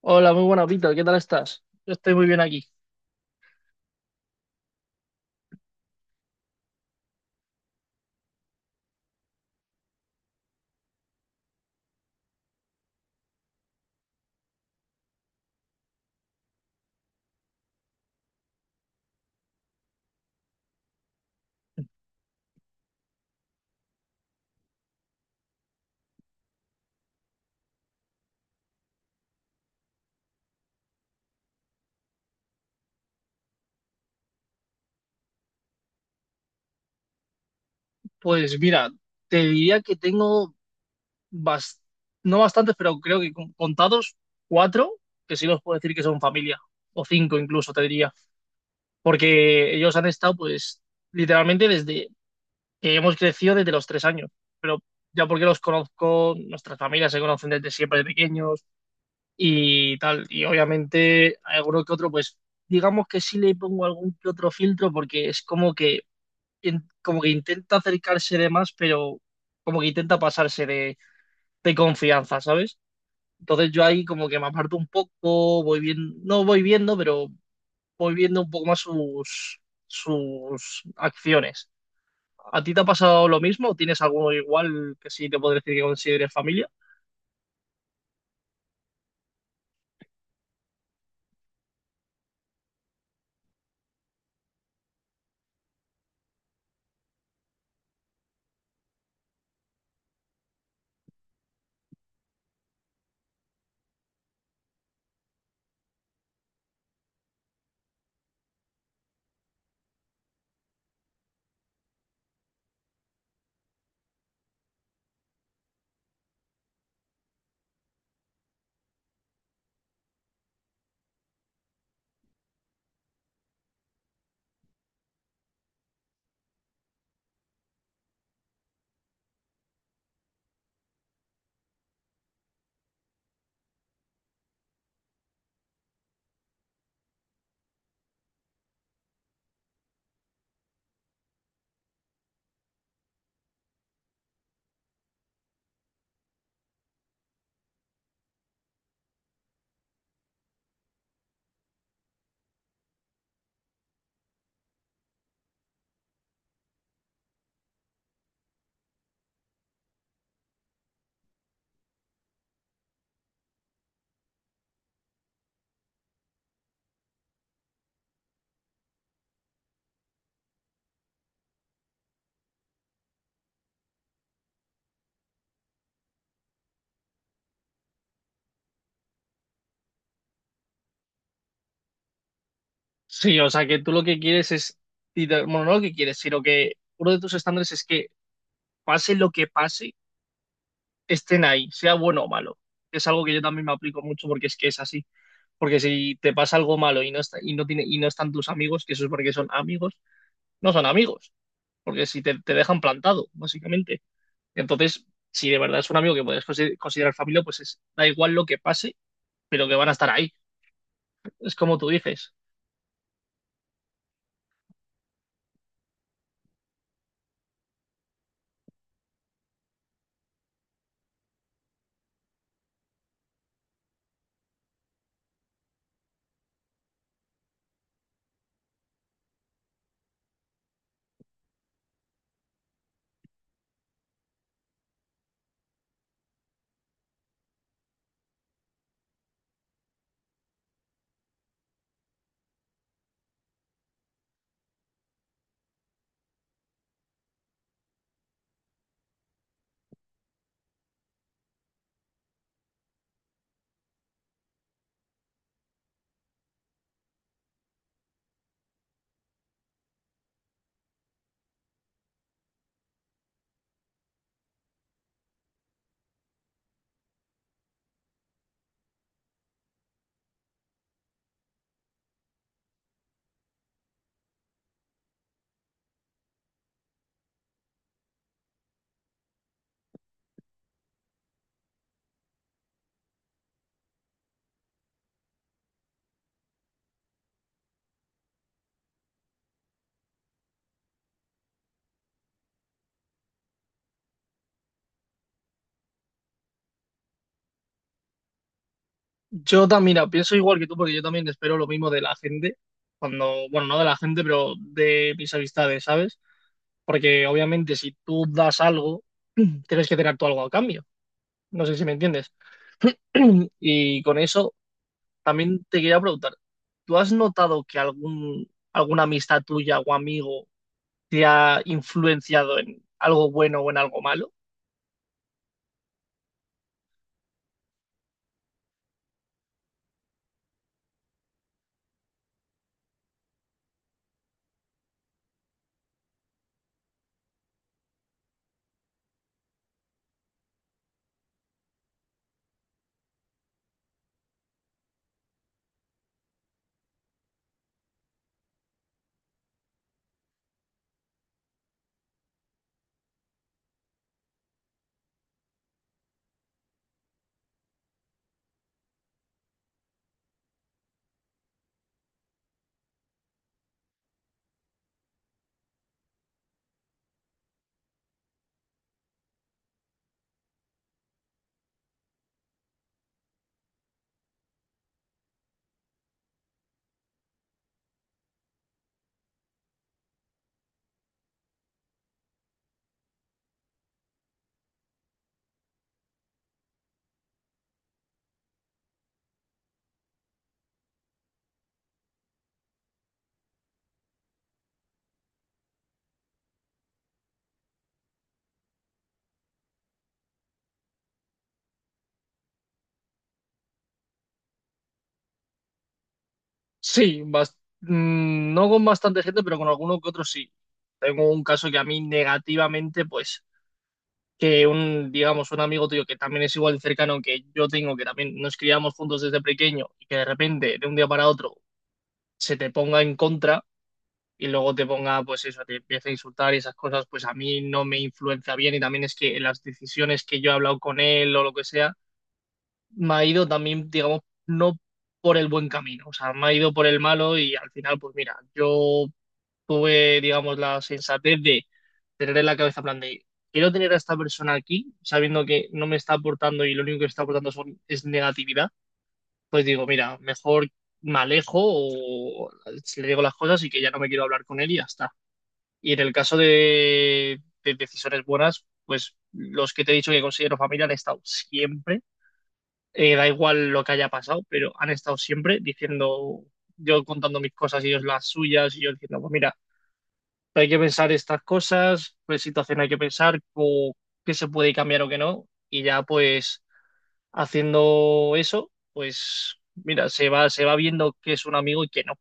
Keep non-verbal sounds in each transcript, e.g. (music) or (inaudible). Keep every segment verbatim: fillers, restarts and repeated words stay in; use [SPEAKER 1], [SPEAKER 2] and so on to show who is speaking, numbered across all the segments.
[SPEAKER 1] Hola, muy buena, Víctor. ¿Qué tal estás? Yo estoy muy bien aquí. Pues mira, te diría que tengo bas- no bastantes, pero creo que con- contados cuatro, que sí los puedo decir que son familia, o cinco incluso, te diría, porque ellos han estado, pues, literalmente desde que hemos crecido desde los tres años, pero ya porque los conozco, nuestras familias se conocen desde siempre de pequeños y tal, y obviamente alguno que otro, pues, digamos que sí le pongo algún que otro filtro porque es como que in- como que intenta acercarse de más, pero como que intenta pasarse de, de confianza, ¿sabes? Entonces yo ahí como que me aparto un poco, voy viendo, no voy viendo, pero voy viendo un poco más sus, sus acciones. ¿A ti te ha pasado lo mismo? ¿O ¿Tienes alguno igual que sí te podría decir que consideres familia? Sí, o sea que tú lo que quieres es, y de- bueno, no lo que quieres, sino que uno de tus estándares es que pase lo que pase, estén ahí, sea bueno o malo. Es algo que yo también me aplico mucho porque es que es así. Porque si te pasa algo malo y no está, y no tiene, y no están tus amigos, que eso es porque son amigos, no son amigos. Porque si te, te dejan plantado, básicamente. Entonces, si de verdad es un amigo que puedes consi- considerar familia, pues es, da igual lo que pase, pero que van a estar ahí. Es como tú dices. Yo también, mira, pienso igual que tú, porque yo también espero lo mismo de la gente. Cuando, bueno, no de la gente, pero de mis amistades, ¿sabes? Porque obviamente si tú das algo, (clears throat) tienes que tener tú algo a cambio. No sé si me entiendes. (clears throat) Y con eso también te quería preguntar, ¿tú has notado que algún, alguna amistad tuya o amigo te ha influenciado en algo bueno o en algo malo? Sí, bas- mm, no con bastante gente, pero con alguno que otro sí. Tengo un caso que a mí negativamente, pues que un, digamos, un amigo tuyo que también es igual de cercano que yo tengo, que también nos criamos juntos desde pequeño y que de repente, de un día para otro, se te ponga en contra y luego te ponga, pues eso, te empieza a insultar y esas cosas, pues a mí no me influencia bien y también es que las decisiones que yo he hablado con él o lo que sea, me ha ido también, digamos, no por el buen camino, o sea, me ha ido por el malo y al final, pues mira, yo tuve, digamos, la sensatez de tener en la cabeza, en plan de, quiero tener a esta persona aquí, sabiendo que no me está aportando y lo único que está aportando son- es negatividad, pues digo, mira, mejor me alejo o le digo las cosas y que ya no me quiero hablar con él y ya está. Y en el caso de, de decisiones buenas, pues los que te he dicho que considero familia han estado siempre, eh, da igual lo que haya pasado, pero han estado siempre diciendo, yo contando mis cosas y ellos las suyas y yo diciendo, pues mira, hay que pensar estas cosas, qué situación hay que pensar, o qué se puede cambiar o qué no, y ya pues haciendo eso, pues mira, se va, se va viendo que es un amigo y que no.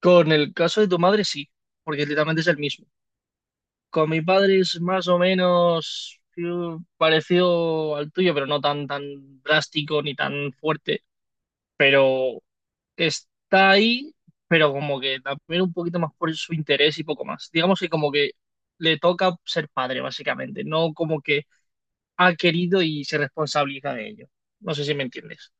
[SPEAKER 1] Con el caso de tu madre sí, porque literalmente es el mismo. Con mi padre es más o menos eh, parecido al tuyo, pero no tan, tan drástico ni tan fuerte, pero está ahí, pero como que también un poquito más por su interés y poco más. Digamos que como que le toca ser padre, básicamente, no como que ha querido y se responsabiliza de ello. No sé si me entiendes.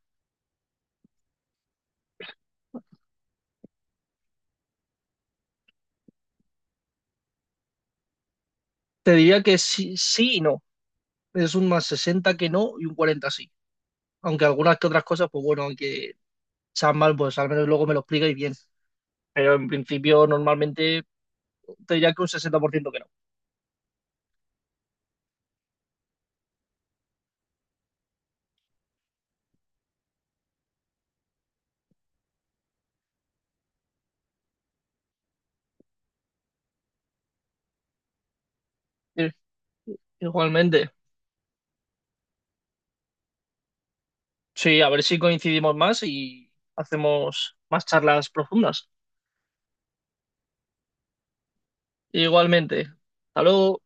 [SPEAKER 1] Te diría que sí, sí y no. Es un más sesenta que no y un cuarenta sí. Aunque algunas que otras cosas, pues bueno, aunque sean mal, pues al menos luego me lo explicáis bien. Pero en principio, normalmente, te diría que un sesenta por ciento que no. Eh, igualmente. Sí, a ver si coincidimos más y hacemos más charlas profundas. Igualmente. Hasta luego.